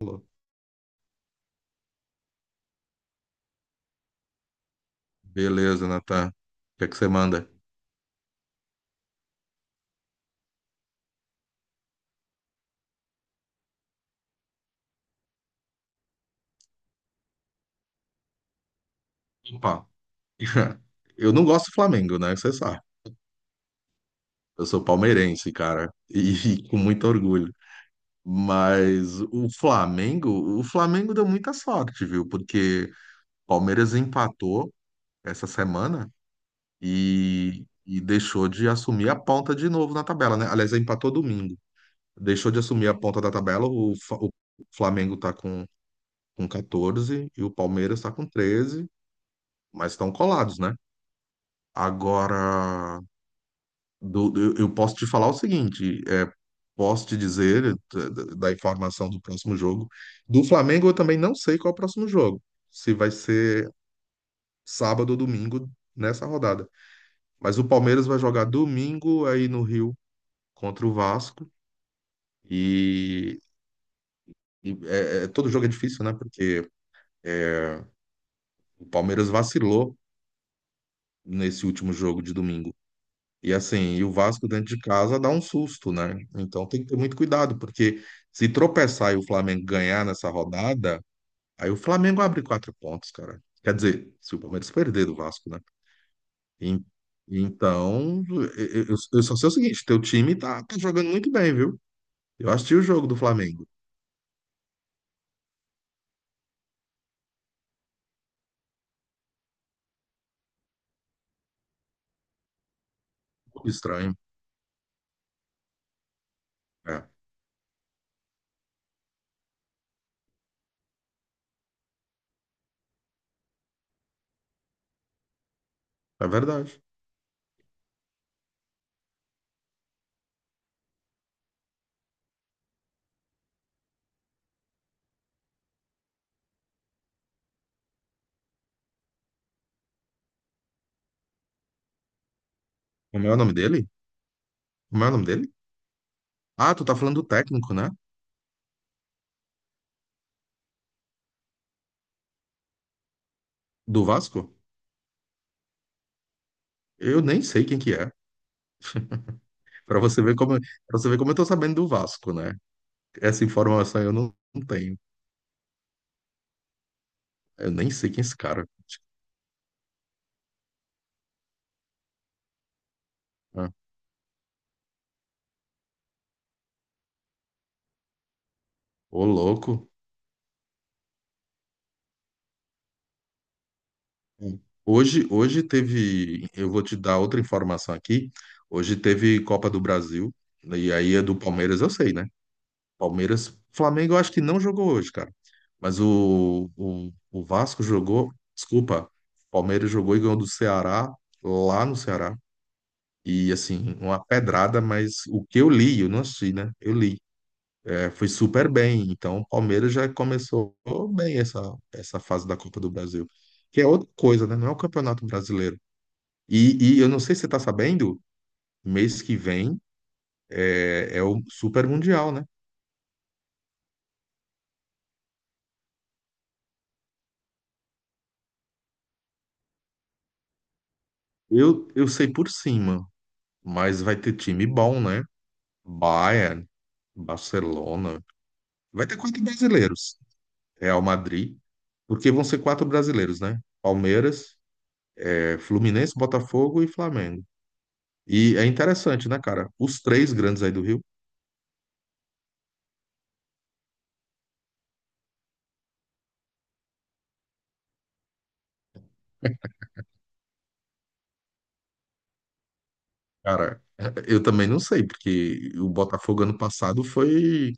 Falou. Beleza, Natan. O que é que você manda? Opa. Eu não gosto do Flamengo, né? Você sabe. Eu sou palmeirense, cara. E com muito orgulho. Mas o Flamengo deu muita sorte, viu? Porque o Palmeiras empatou essa semana e deixou de assumir a ponta de novo na tabela, né? Aliás, empatou domingo. Deixou de assumir a ponta da tabela. O Flamengo tá com 14 e o Palmeiras tá com 13, mas estão colados, né? Agora, eu posso te falar o seguinte, posso te dizer, da informação do próximo jogo. Do Flamengo, eu também não sei qual é o próximo jogo, se vai ser sábado ou domingo nessa rodada. Mas o Palmeiras vai jogar domingo aí no Rio contra o Vasco. E, e todo jogo é difícil, né? Porque é, o Palmeiras vacilou nesse último jogo de domingo. E assim, e o Vasco dentro de casa dá um susto, né? Então tem que ter muito cuidado, porque se tropeçar e o Flamengo ganhar nessa rodada, aí o Flamengo abre 4 pontos, cara. Quer dizer, se o Palmeiras perder do Vasco, né? Em- Então, eu só sei o seguinte, teu time tá jogando muito bem, viu? Eu assisti o jogo do Flamengo. Estranho. É, é verdade. Como é o nome dele? Como é o nome dele? Ah, tu tá falando do técnico, né? Do Vasco? Eu nem sei quem que é. Pra você ver como, pra você ver como eu tô sabendo do Vasco, né? Essa informação eu não tenho. Eu nem sei quem é esse cara. Ah, ô, louco. Hoje teve. Eu vou te dar outra informação aqui. Hoje teve Copa do Brasil. Né, e aí é do Palmeiras, eu sei, né? Palmeiras. Flamengo, eu acho que não jogou hoje, cara. Mas o Vasco jogou. Desculpa. Palmeiras jogou e ganhou do Ceará, lá no Ceará. E assim, uma pedrada, mas o que eu li, eu não assisti, né? Eu li. Foi super bem. Então, o Palmeiras já começou bem essa fase da Copa do Brasil, que é outra coisa, né? Não é o Campeonato Brasileiro. E eu não sei se você está sabendo, mês que vem é o Super Mundial, né? Eu sei por cima, mas vai ter time bom, né? Bayern, Barcelona. Vai ter quatro brasileiros. Real Madrid, porque vão ser quatro brasileiros, né? Palmeiras, Fluminense, Botafogo e Flamengo. E é interessante, né, cara? Os três grandes aí do Rio. Cara, eu também não sei, porque o Botafogo ano passado foi.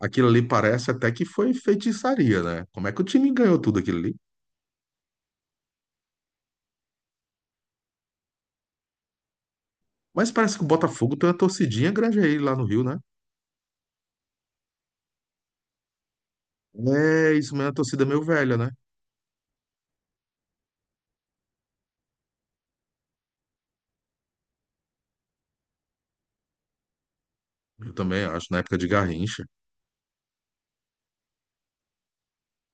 Aquilo ali parece até que foi feitiçaria, né? Como é que o time ganhou tudo aquilo ali? Mas parece que o Botafogo tem uma torcidinha grande aí lá no Rio, né? É, isso mesmo, é uma torcida meio velha, né? Eu também acho, na época de Garrincha.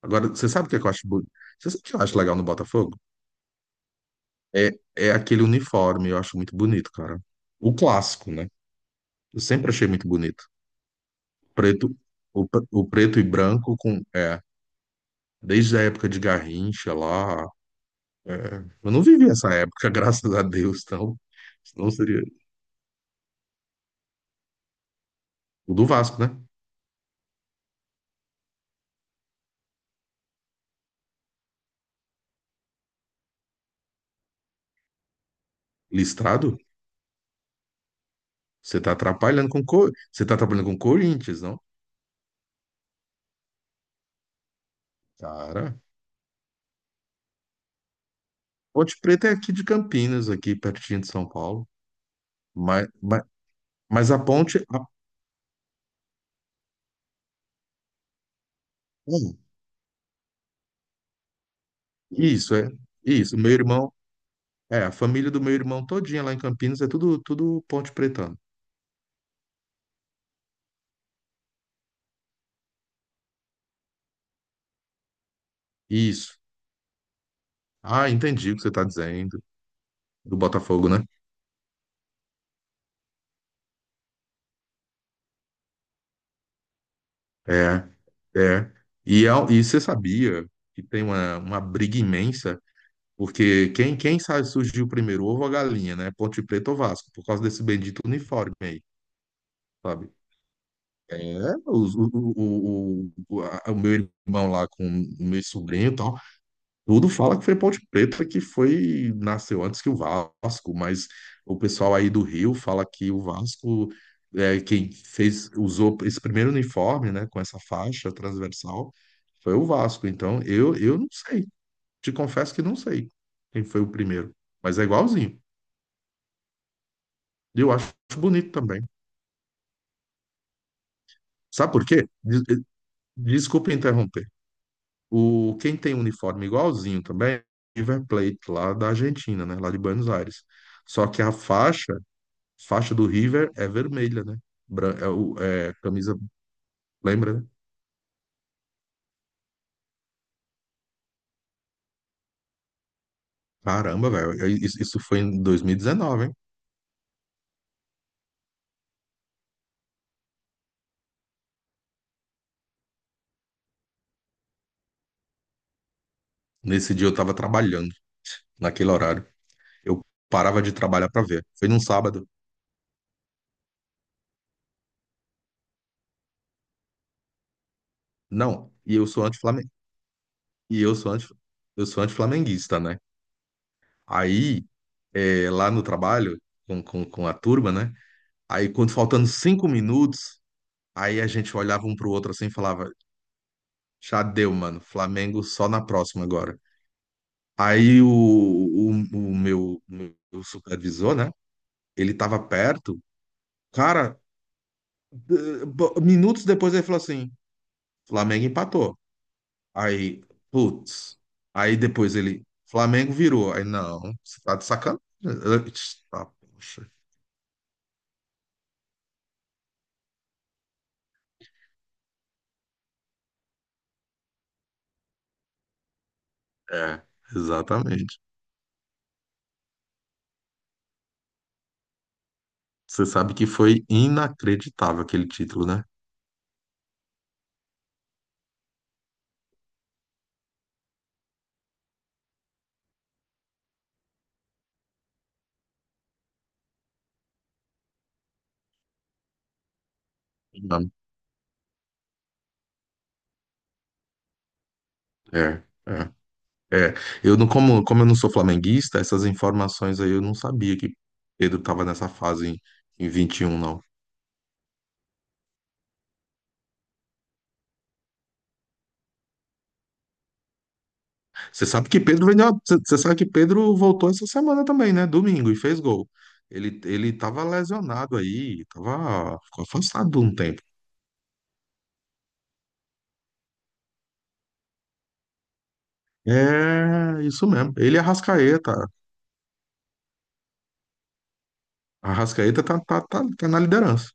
Agora, você sabe o que é que eu acho bonito? Você sabe o que eu acho legal no Botafogo? É, é aquele uniforme, eu acho muito bonito, cara. O clássico, né? Eu sempre achei muito bonito. Preto, o preto e branco com. Desde a época de Garrincha lá. é, eu não vivi essa época, graças a Deus, então. Senão seria o do Vasco, né? Listrado, você tá trabalhando com Corinthians, não? Cara, Ponte Preta é aqui de Campinas, aqui pertinho de São Paulo. Mas, mas, mas a ponte, a- hum, isso é, Isso. Meu irmão, a família do meu irmão todinha lá em Campinas é tudo Ponte Pretano. Isso. Ah, entendi o que você tá dizendo do Botafogo, né? É, é. E você sabia que tem uma briga imensa, porque quem sabe surgiu primeiro, ovo ou a galinha, né? Ponte Preta ou Vasco, por causa desse bendito uniforme aí, sabe? É, o meu irmão lá com o meu sobrinho, tudo fala que foi Ponte Preta que foi nasceu antes que o Vasco, mas o pessoal aí do Rio fala que o Vasco é quem fez usou esse primeiro uniforme, né, com essa faixa transversal, foi o Vasco. Então, eu não sei. Te confesso que não sei quem foi o primeiro, mas é igualzinho. E eu acho bonito também. Sabe por quê? Desculpa interromper. O Quem tem uniforme igualzinho também é o River Plate lá da Argentina, né, lá de Buenos Aires. Só que a faixa Faixa do River é vermelha, né? É camisa, lembra, né? Caramba, velho. Isso foi em 2019, hein? Nesse dia eu tava trabalhando, naquele horário. Eu parava de trabalhar pra ver. Foi num sábado. Não, e eu sou E eu sou anti... anti-flamenguista, né? Aí, lá no trabalho, com a turma, né? Aí, quando faltando 5 minutos, aí a gente olhava um pro outro assim e falava, já deu, mano. Flamengo só na próxima agora. Aí o meu supervisor, né? Ele tava perto. Cara, minutos depois ele falou assim: Flamengo empatou. Aí, putz. Aí depois Flamengo virou. Aí, não, você tá de sacanagem. Eu, "Tch, tá, poxa. É, exatamente. Você sabe que foi inacreditável aquele título, né? Não. É, é. É, eu não, como eu não sou flamenguista, essas informações aí eu não sabia que Pedro estava nessa fase em 21, não. Você sabe que Pedro vendeu, você sabe que Pedro voltou essa semana também, né? Domingo, e fez gol. Ele estava lesionado aí, estava afastado um tempo. É, isso mesmo. Ele e Arrascaeta. Arrascaeta tá na liderança.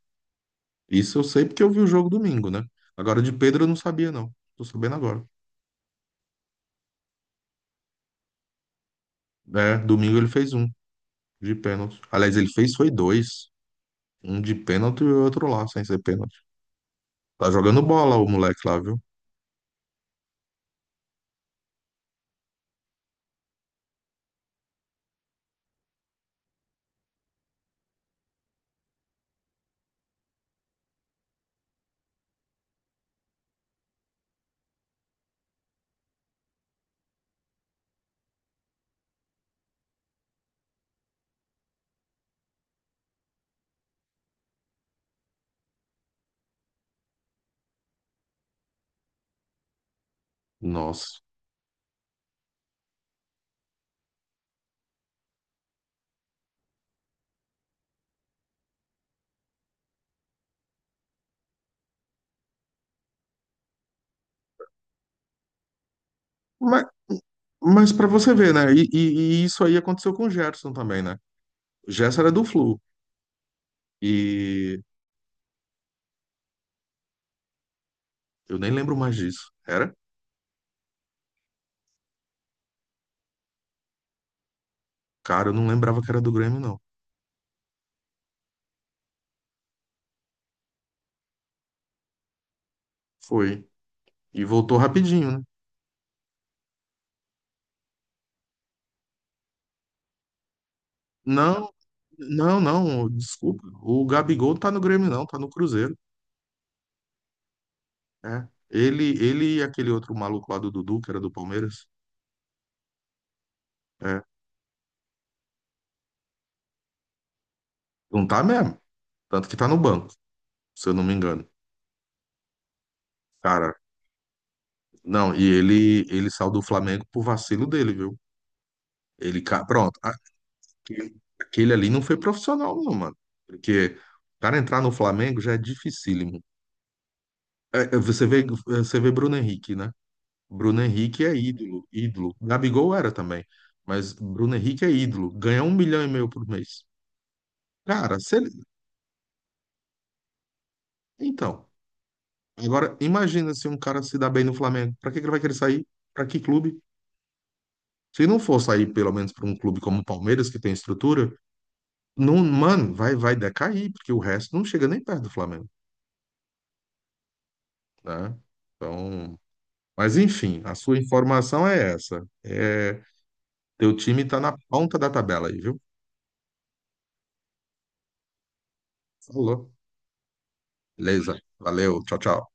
Isso eu sei porque eu vi o jogo domingo, né? Agora de Pedro eu não sabia, não. Tô sabendo agora. É, domingo ele fez um de pênalti. Aliás, ele fez foi dois. Um de pênalti e o outro lá, sem ser pênalti. Tá jogando bola o moleque lá, viu? Nossa. Mas, mas para você ver, né? E isso aí aconteceu com o Gerson também, né? O Gerson era do Flu. E eu nem lembro mais disso. Era? Cara, eu não lembrava que era do Grêmio, não. Foi. E voltou rapidinho, né? Não, não, não. Desculpa. O Gabigol não tá no Grêmio, não. Tá no Cruzeiro. É. Ele e aquele outro maluco lá do Dudu, que era do Palmeiras. É. Não tá mesmo. Tanto que tá no banco, se eu não me engano. Cara, não, e ele saiu do Flamengo por vacilo dele, viu? Ele, pronto, aquele ali não foi profissional, não, mano. Porque o cara entrar no Flamengo já é dificílimo. Você vê Bruno Henrique, né? Bruno Henrique é ídolo, ídolo. Gabigol era também, mas Bruno Henrique é ídolo. Ganha 1,5 milhão por mês. Cara, se ele... Então, agora imagina se um cara se dá bem no Flamengo. Pra que que ele vai querer sair? Pra que clube? Se não for sair pelo menos para um clube como o Palmeiras, que tem estrutura, não, mano, vai decair, porque o resto não chega nem perto do Flamengo, né? Então, mas enfim, a sua informação é essa. É, teu time tá na ponta da tabela aí, viu? Falou. Beleza. Valeu. Tchau, tchau.